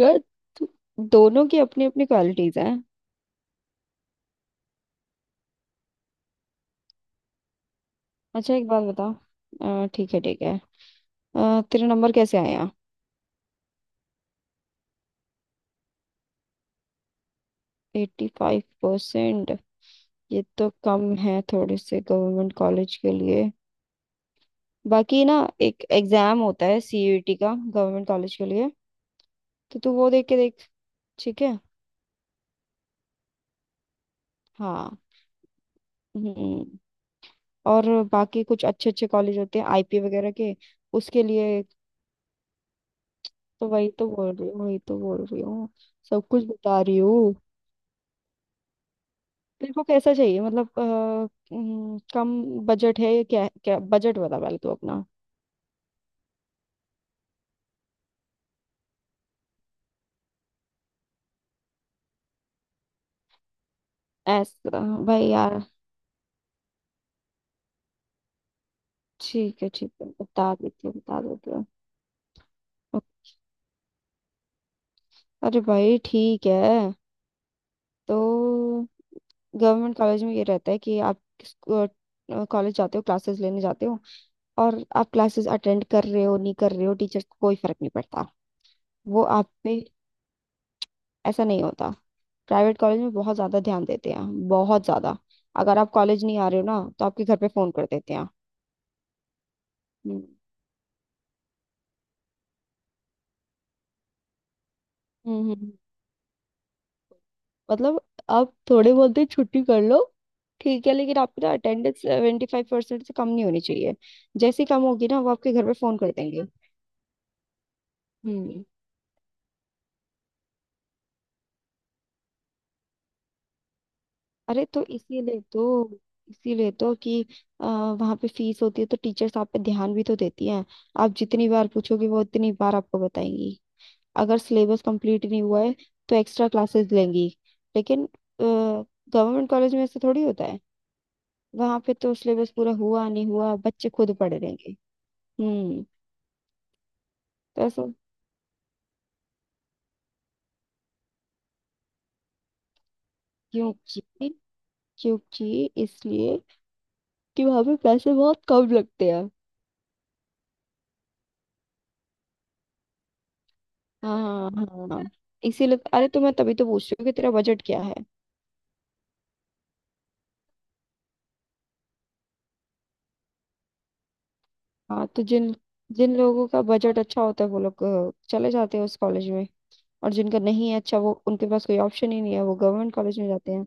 यार, दोनों की अपनी अपनी क्वालिटीज हैं। अच्छा, एक बात बता। ठीक है ठीक है। तेरा नंबर कैसे आया? 85%? ये तो कम है थोड़े से गवर्नमेंट कॉलेज के लिए। बाकी ना, एक एग्जाम होता है सीयूईटी का गवर्नमेंट कॉलेज के लिए। तो तू वो देख के देख। ठीक है। हाँ। हम्म। और बाकी कुछ अच्छे अच्छे कॉलेज होते हैं आईपी वगैरह के, उसके लिए। तो वही तो बोल रही हूँ, वही तो बोल रही हूँ। सब कुछ बता रही हूँ। तेरे को कैसा चाहिए? मतलब कम बजट है या क्या? क्या बजट बता पहले तू अपना। ऐसा। भाई यार, ठीक है ठीक है। बता देती हूँ बता देती हूँ। अरे भाई, ठीक है। तो गवर्नमेंट कॉलेज में ये रहता है कि आप कॉलेज जाते हो, क्लासेस लेने जाते हो, और आप क्लासेस अटेंड कर रहे हो नहीं कर रहे हो, टीचर्स को कोई फर्क नहीं पड़ता। वो आप पे, ऐसा नहीं होता। प्राइवेट कॉलेज में बहुत ज्यादा ध्यान देते हैं, बहुत ज्यादा। अगर आप कॉलेज नहीं आ रहे हो ना, तो आपके घर पे फोन कर देते हैं। हम्म हम्म, हम्म। मतलब आप थोड़े बहुत दिन छुट्टी कर लो, ठीक है, लेकिन आपकी ना अटेंडेंस 75% से कम नहीं होनी चाहिए। जैसे ही कम होगी ना, वो आपके घर पे फोन कर देंगे। हम्म। अरे तो इसीलिए तो, इसीलिए तो कि आ, वहाँ पे फीस होती है तो टीचर्स आप पे ध्यान भी तो देती हैं। आप जितनी बार पूछोगे, वो उतनी बार आपको बताएंगी। अगर सिलेबस कंप्लीट नहीं हुआ है तो एक्स्ट्रा क्लासेस लेंगी। लेकिन गवर्नमेंट कॉलेज में ऐसे थोड़ी होता है। वहां पे तो सिलेबस पूरा हुआ नहीं हुआ, बच्चे खुद पढ़ लेंगे। हम्म। तो ऐसा। क्योंकि क्योंकि इसलिए कि वहां पे पैसे बहुत कम लगते हैं। हाँ हाँ हाँ। इसीलिए। अरे तो मैं तभी तो पूछ रही हूँ कि तेरा बजट क्या है। हाँ, तो जिन जिन लोगों का बजट अच्छा होता है वो लोग चले जाते हैं उस कॉलेज में, और जिनका नहीं है अच्छा, वो उनके पास कोई ऑप्शन ही नहीं है, वो गवर्नमेंट कॉलेज में जाते हैं।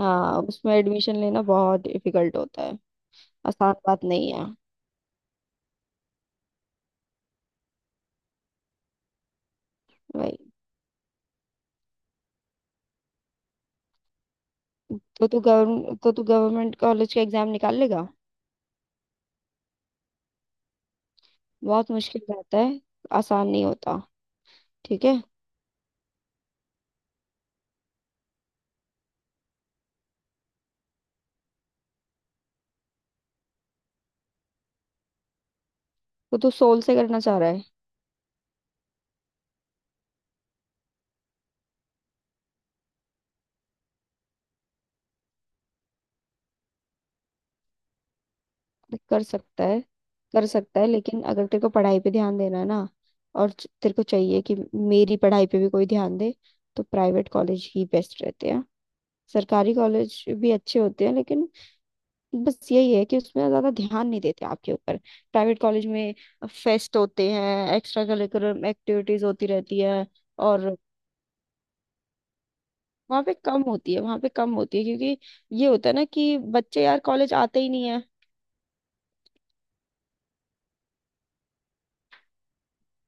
हाँ, उसमें एडमिशन लेना बहुत डिफिकल्ट होता है। आसान बात नहीं है भाई। तो तू गवर्न तो तू गवर्नमेंट कॉलेज का एग्जाम निकाल लेगा? बहुत मुश्किल रहता है, आसान नहीं होता। ठीक है। तो तू सोल से करना चाह रहा है? तो कर सकता है, कर सकता है, लेकिन अगर तेरे को पढ़ाई पे ध्यान देना है ना, और तेरे को चाहिए कि मेरी पढ़ाई पे भी कोई ध्यान दे, तो प्राइवेट कॉलेज ही बेस्ट रहते हैं। सरकारी कॉलेज भी अच्छे होते हैं, लेकिन बस यही है कि उसमें ज्यादा ध्यान नहीं देते आपके ऊपर। प्राइवेट कॉलेज में फेस्ट होते हैं, एक्स्ट्रा करिकुलर एक्टिविटीज होती रहती है। और वहाँ पे कम होती है, वहाँ पे कम होती है, क्योंकि ये होता है ना कि बच्चे यार कॉलेज आते ही नहीं है।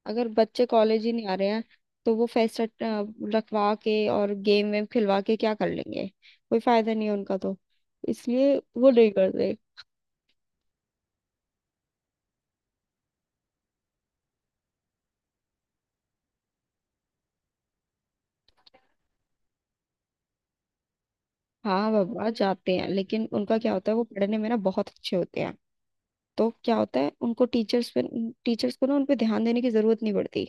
अगर बच्चे कॉलेज ही नहीं आ रहे हैं, तो वो फेस्ट रखवा के और गेम वेम खिलवा के क्या कर लेंगे? कोई फायदा नहीं है उनका तो। इसलिए वो नहीं करते। हाँ बाबा, जाते हैं, लेकिन उनका क्या होता है, वो पढ़ने में ना बहुत अच्छे होते हैं। तो क्या होता है, उनको टीचर्स पे, टीचर्स को ना उन पे ध्यान देने की जरूरत नहीं पड़ती।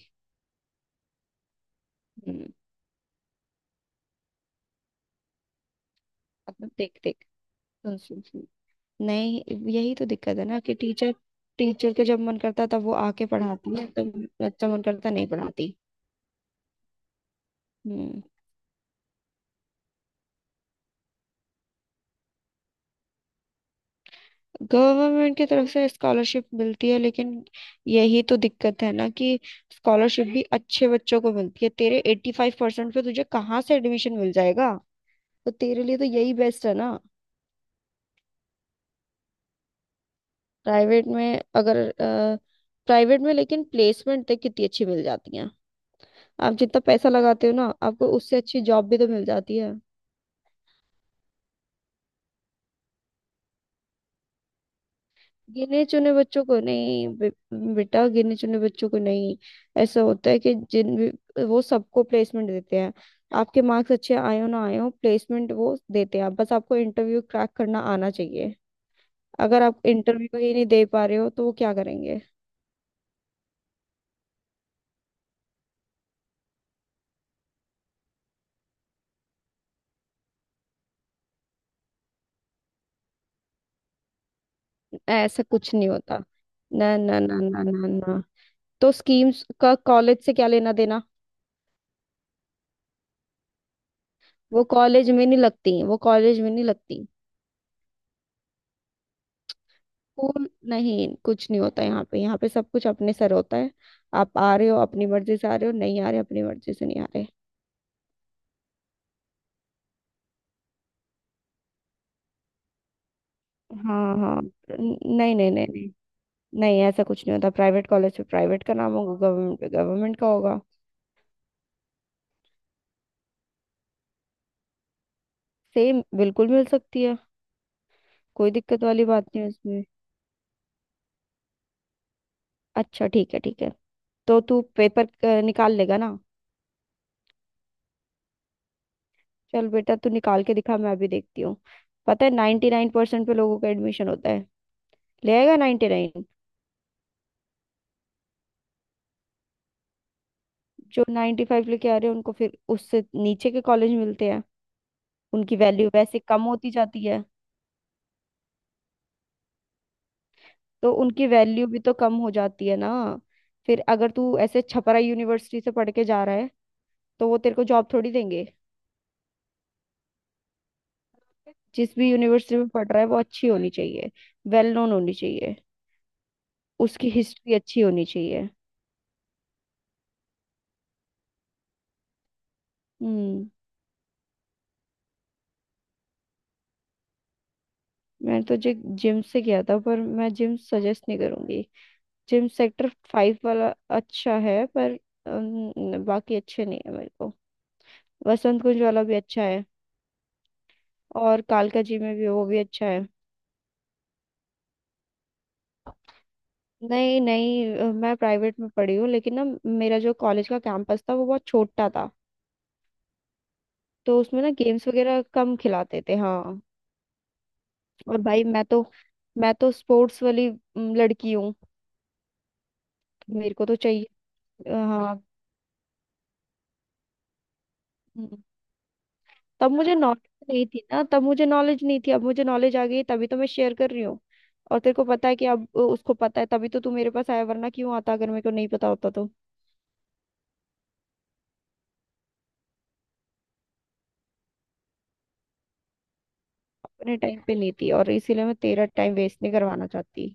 हम्म। मतलब देख देख, सुन सुन सुन, नहीं, यही तो दिक्कत है ना कि टीचर टीचर के जब मन करता तब वो आके पढ़ाती है, तब बच्चा मन करता नहीं पढ़ाती। हम्म। गवर्नमेंट की तरफ से स्कॉलरशिप मिलती है, लेकिन यही तो दिक्कत है ना कि स्कॉलरशिप भी अच्छे बच्चों को मिलती है। तेरे 85% पे तुझे कहाँ से एडमिशन मिल जाएगा? तो तेरे लिए तो यही बेस्ट है ना। प्राइवेट में अगर प्राइवेट में, लेकिन प्लेसमेंट तक कितनी अच्छी मिल जाती है। आप जितना पैसा लगाते हो ना, आपको उससे अच्छी जॉब भी तो मिल जाती है। गिने चुने बच्चों को नहीं बे, बेटा, गिने चुने बच्चों को नहीं। ऐसा होता है कि वो सबको प्लेसमेंट देते हैं। आपके मार्क्स अच्छे आए हो ना आए हो, प्लेसमेंट वो देते हैं, बस आपको इंटरव्यू क्रैक करना आना चाहिए। अगर आप इंटरव्यू ही नहीं दे पा रहे हो तो वो क्या करेंगे? ऐसा कुछ नहीं होता। ना ना ना ना ना ना, तो स्कीम्स का कॉलेज से क्या लेना देना। वो कॉलेज में नहीं लगती, वो कॉलेज में नहीं लगती। स्कूल नहीं, कुछ नहीं होता। यहाँ पे, यहाँ पे सब कुछ अपने सर होता है। आप आ रहे हो अपनी मर्जी से आ रहे हो, नहीं आ रहे अपनी मर्जी से नहीं आ रहे। हाँ हाँ। नहीं नहीं नहीं नहीं। नहीं ऐसा कुछ नहीं होता। प्राइवेट कॉलेज पे प्राइवेट का नाम होगा, गवर्नमेंट पे गवर्नमेंट का होगा। सेम बिल्कुल मिल सकती है। कोई दिक्कत वाली बात नहीं है उसमें। अच्छा, ठीक है ठीक है। तो तू पेपर निकाल लेगा ना? चल बेटा, तू निकाल के दिखा, मैं अभी देखती हूँ। पता है 99% पे लोगों का एडमिशन होता है। ले आएगा 99? जो 95 लेके आ रहे हैं उनको फिर उससे नीचे के कॉलेज मिलते हैं। उनकी वैल्यू वैसे कम होती जाती है। तो उनकी वैल्यू भी तो कम हो जाती है ना। फिर अगर तू ऐसे छपरा यूनिवर्सिटी से पढ़ के जा रहा है, तो वो तेरे को जॉब थोड़ी देंगे। जिस भी यूनिवर्सिटी में पढ़ रहा है, वो अच्छी होनी चाहिए, वेल नोन होनी चाहिए, उसकी हिस्ट्री अच्छी होनी चाहिए। हम्म। मैंने तो जे जिम से किया था, पर मैं जिम सजेस्ट नहीं करूंगी। जिम सेक्टर 5 वाला अच्छा है, पर बाकी अच्छे नहीं है मेरे को। वसंत कुंज वाला भी अच्छा है, और कालका जी में भी वो भी अच्छा है। नहीं नहीं, मैं प्राइवेट में पढ़ी हूँ, लेकिन ना, मेरा जो कॉलेज का कैंपस था वो बहुत छोटा था। तो उसमें ना गेम्स वगैरह कम खिलाते थे, हाँ। और भाई, मैं तो स्पोर्ट्स वाली लड़की हूँ। मेरे को तो चाहिए। हाँ। हम्म। तब मुझे नॉलेज नहीं थी ना, तब मुझे नॉलेज नहीं थी, अब मुझे नॉलेज आ गई तभी तो मैं शेयर कर रही हूँ। और तेरे को पता है कि अब उसको पता है तभी तो तू मेरे पास आया, वरना क्यों आता अगर मेरे को नहीं पता होता तो। अपने टाइम पे नहीं थी, और इसीलिए मैं तेरा टाइम वेस्ट नहीं करवाना चाहती।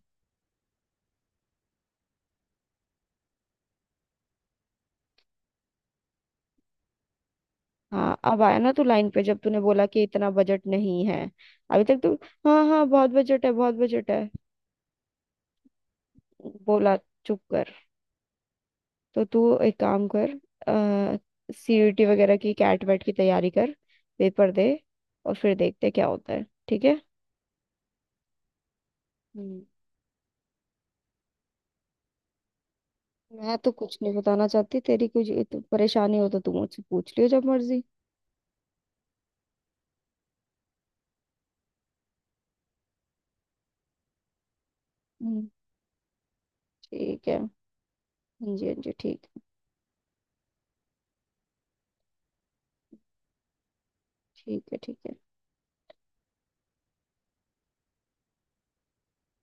हाँ, अब आया ना तू लाइन पे, जब तूने बोला कि इतना बजट नहीं है। अभी तक तू हाँ हाँ बहुत बजट है बोला। चुप कर। तो तू एक काम कर, सीयूटी वगैरह की कैट वैट की तैयारी कर, पेपर दे, और फिर देखते क्या होता है, ठीक है। हम्म। मैं तो कुछ नहीं बताना चाहती। तेरी कुछ तो परेशानी हो तो तू मुझसे पूछ लियो जब मर्जी। हम्म, ठीक है। हाँ जी हाँ जी, ठीक। ठीक है ठीक है।